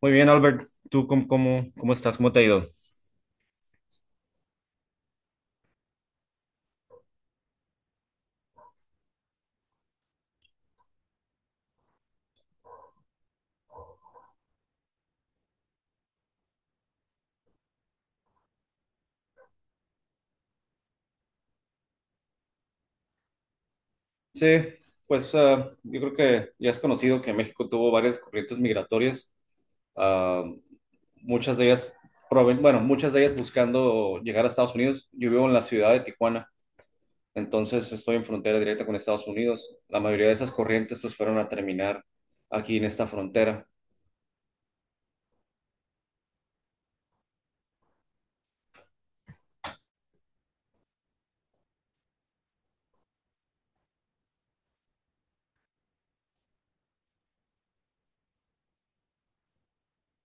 Muy bien, Albert. ¿Tú cómo estás? ¿Cómo te ha ido? Sí, pues yo creo que ya es conocido que México tuvo varias corrientes migratorias, ah, muchas de ellas, muchas de ellas buscando llegar a Estados Unidos. Yo vivo en la ciudad de Tijuana, entonces estoy en frontera directa con Estados Unidos. La mayoría de esas corrientes pues fueron a terminar aquí en esta frontera.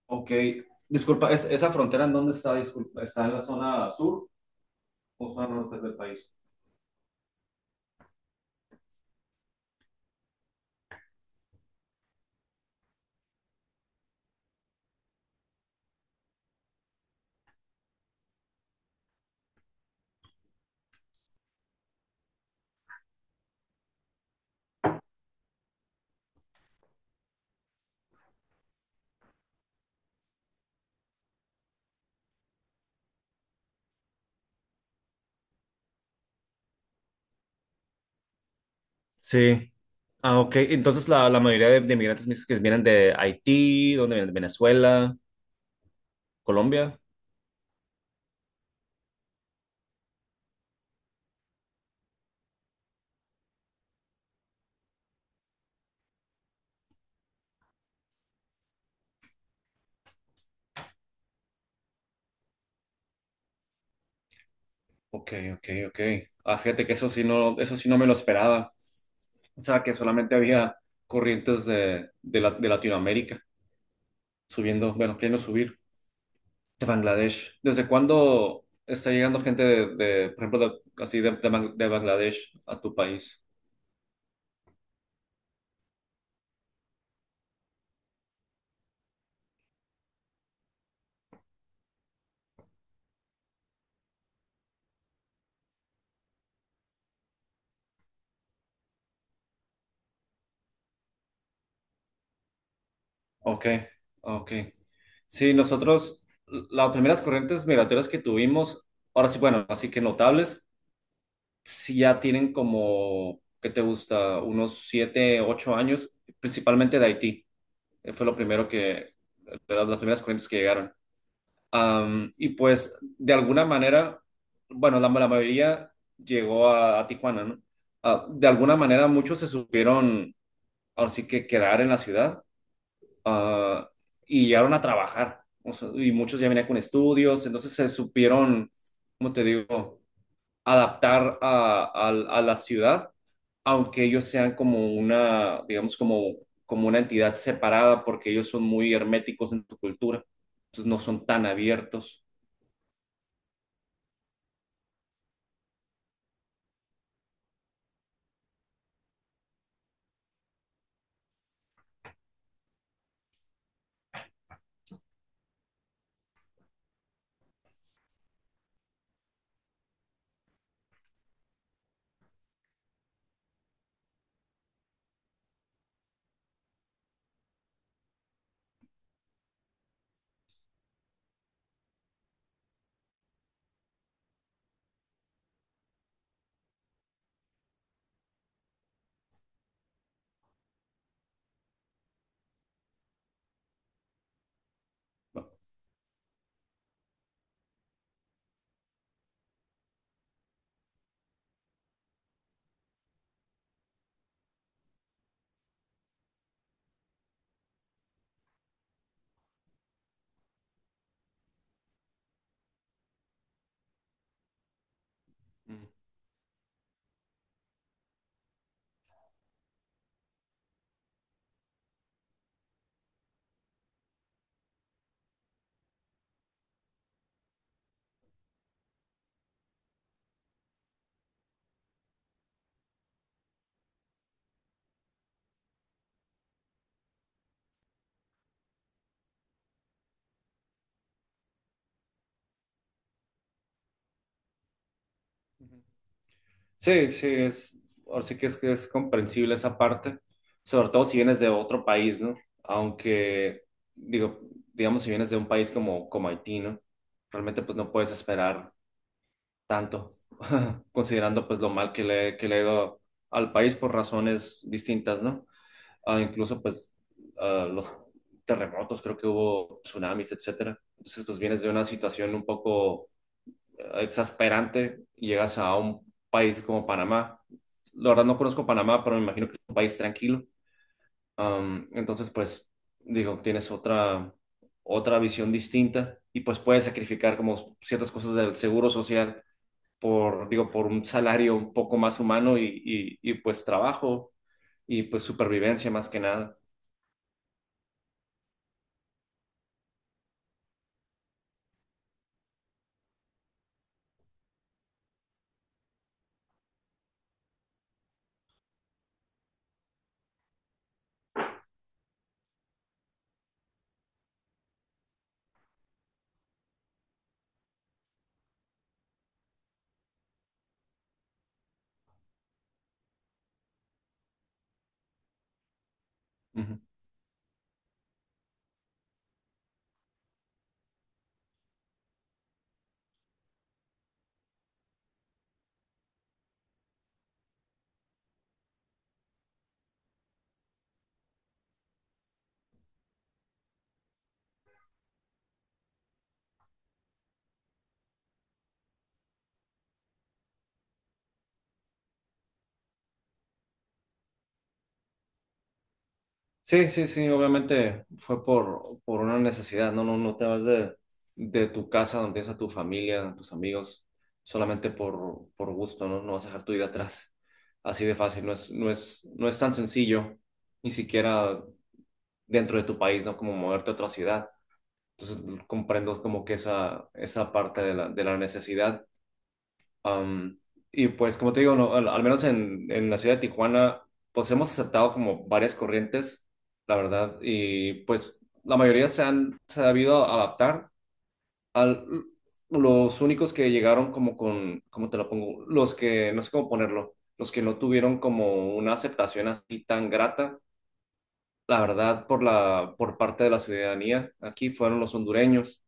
Ok, disculpa, ¿esa frontera en dónde está? Disculpa, ¿está en la zona sur o zona norte del país? Sí. Ah, ok. Entonces la mayoría de migrantes me dices que vienen de Haití, ¿dónde vienen? ¿De Venezuela, Colombia? Ok, ok, ok. Ah, fíjate que eso sí no me lo esperaba. O sea, que solamente había corrientes de Latinoamérica subiendo, bueno, queriendo subir de Bangladesh. ¿Desde cuándo está llegando gente de, por ejemplo, de, así de, de Bangladesh a tu país? Ok, ok. Sí, nosotros, las primeras corrientes migratorias que tuvimos, ahora sí, bueno, así que notables. Si ya tienen como, ¿qué te gusta? Unos 7, 8 años, principalmente de Haití. Fue lo primero que, de las primeras corrientes que llegaron. Y pues, de alguna manera, bueno, la mayoría llegó a Tijuana, ¿no? Ah, de alguna manera, muchos se supieron, ahora sí que quedar en la ciudad, ah, y llegaron a trabajar. O sea, y muchos ya venían con estudios, entonces se supieron, ¿cómo te digo? Adaptar a la ciudad, aunque ellos sean como una, digamos, como una entidad separada, porque ellos son muy herméticos en su cultura, entonces no son tan abiertos. ¿No? Mm. Sí, sí, ahora sí que es comprensible esa parte, sobre todo si vienes de otro país, ¿no? Aunque, digo, digamos, si vienes de un país como, como Haití, ¿no? Realmente pues no puedes esperar tanto, considerando pues lo mal que le, ha ido al país por razones distintas, ¿no? Ah, incluso pues los terremotos, creo que hubo tsunamis, etcétera. Entonces pues vienes de una situación un poco exasperante y llegas a un país como Panamá. La verdad no conozco Panamá, pero me imagino que es un país tranquilo. Entonces pues digo, tienes otra visión distinta y pues puedes sacrificar como ciertas cosas del seguro social por, digo, por un salario un poco más humano y pues trabajo y pues supervivencia más que nada. Ujú. Sí, sí, sí, obviamente fue por, una necesidad, no, no, no te vas de tu casa donde tienes a tu familia, a tus amigos, solamente por gusto, ¿no? No vas a dejar tu vida atrás. Así de fácil, no es, no es, no es tan sencillo, ni siquiera dentro de tu país, ¿no? Como moverte a otra ciudad. Entonces comprendo como que esa parte de la necesidad. Am, y pues como te digo, no, al, menos en la ciudad de Tijuana, pues hemos aceptado como varias corrientes, la verdad, y pues la mayoría se han sabido adaptar. Al, los únicos que llegaron como con, ¿cómo te lo pongo? Los que, no sé cómo ponerlo, los que no tuvieron como una aceptación así tan grata, la verdad, por la, por parte de la ciudadanía, aquí fueron los hondureños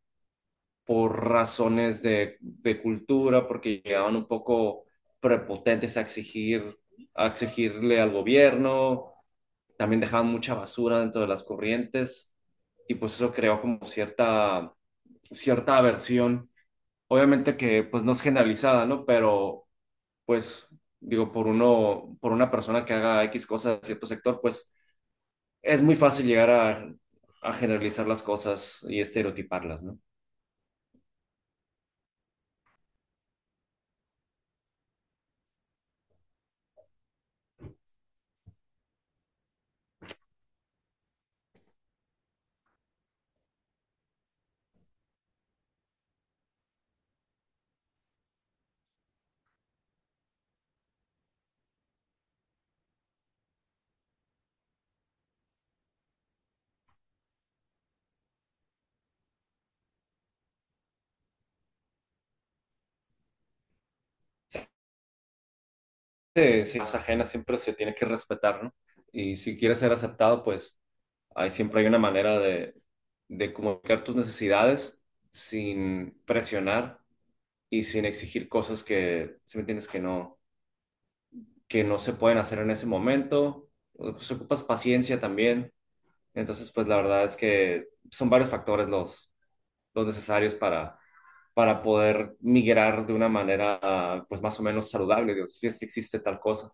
por razones de cultura, porque llegaban un poco prepotentes a exigir, a exigirle al gobierno, también dejaban mucha basura dentro de las corrientes y pues eso creó como cierta, cierta aversión. Obviamente que pues no es generalizada, ¿no? Pero pues digo, por una persona que haga X cosa de cierto sector, pues es muy fácil llegar a generalizar las cosas y estereotiparlas, ¿no? De ciencias ajenas siempre se tiene que respetar, ¿no? Y si quieres ser aceptado, pues ahí siempre hay una manera de comunicar tus necesidades sin presionar y sin exigir cosas que, si me entiendes, que no, se pueden hacer en ese momento. Pues ocupas paciencia también. Entonces, pues la verdad es que son varios factores los necesarios para poder migrar de una manera, pues más o menos saludable, digo, si es que existe tal cosa.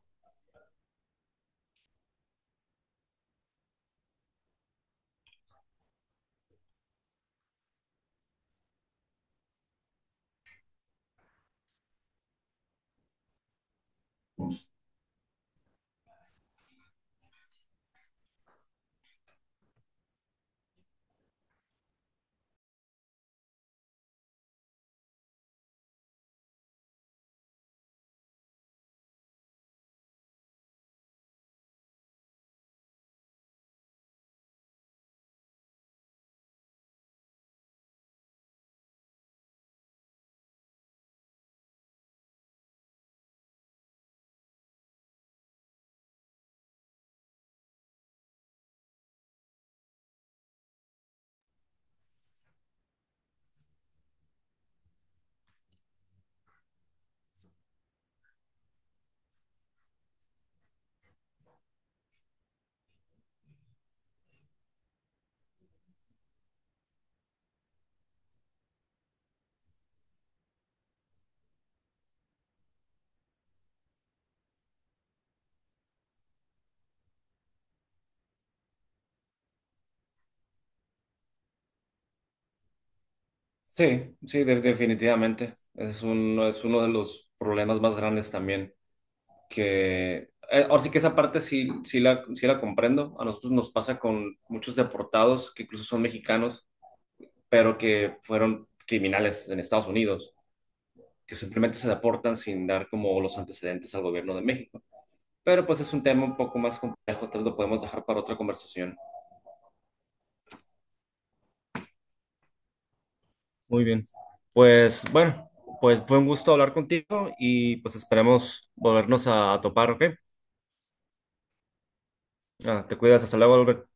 Sí, sí, definitivamente. Ese es uno de los problemas más grandes también. Que, ahora sí que esa parte sí, sí la comprendo. A nosotros nos pasa con muchos deportados que incluso son mexicanos, pero que fueron criminales en Estados Unidos, que simplemente se deportan sin dar como los antecedentes al gobierno de México. Pero pues es un tema un poco más complejo, tal vez lo podemos dejar para otra conversación. Muy bien. Pues bueno, pues fue un gusto hablar contigo y pues esperemos volvernos a topar, ¿ok? Ah, te cuidas. Hasta luego, Albert.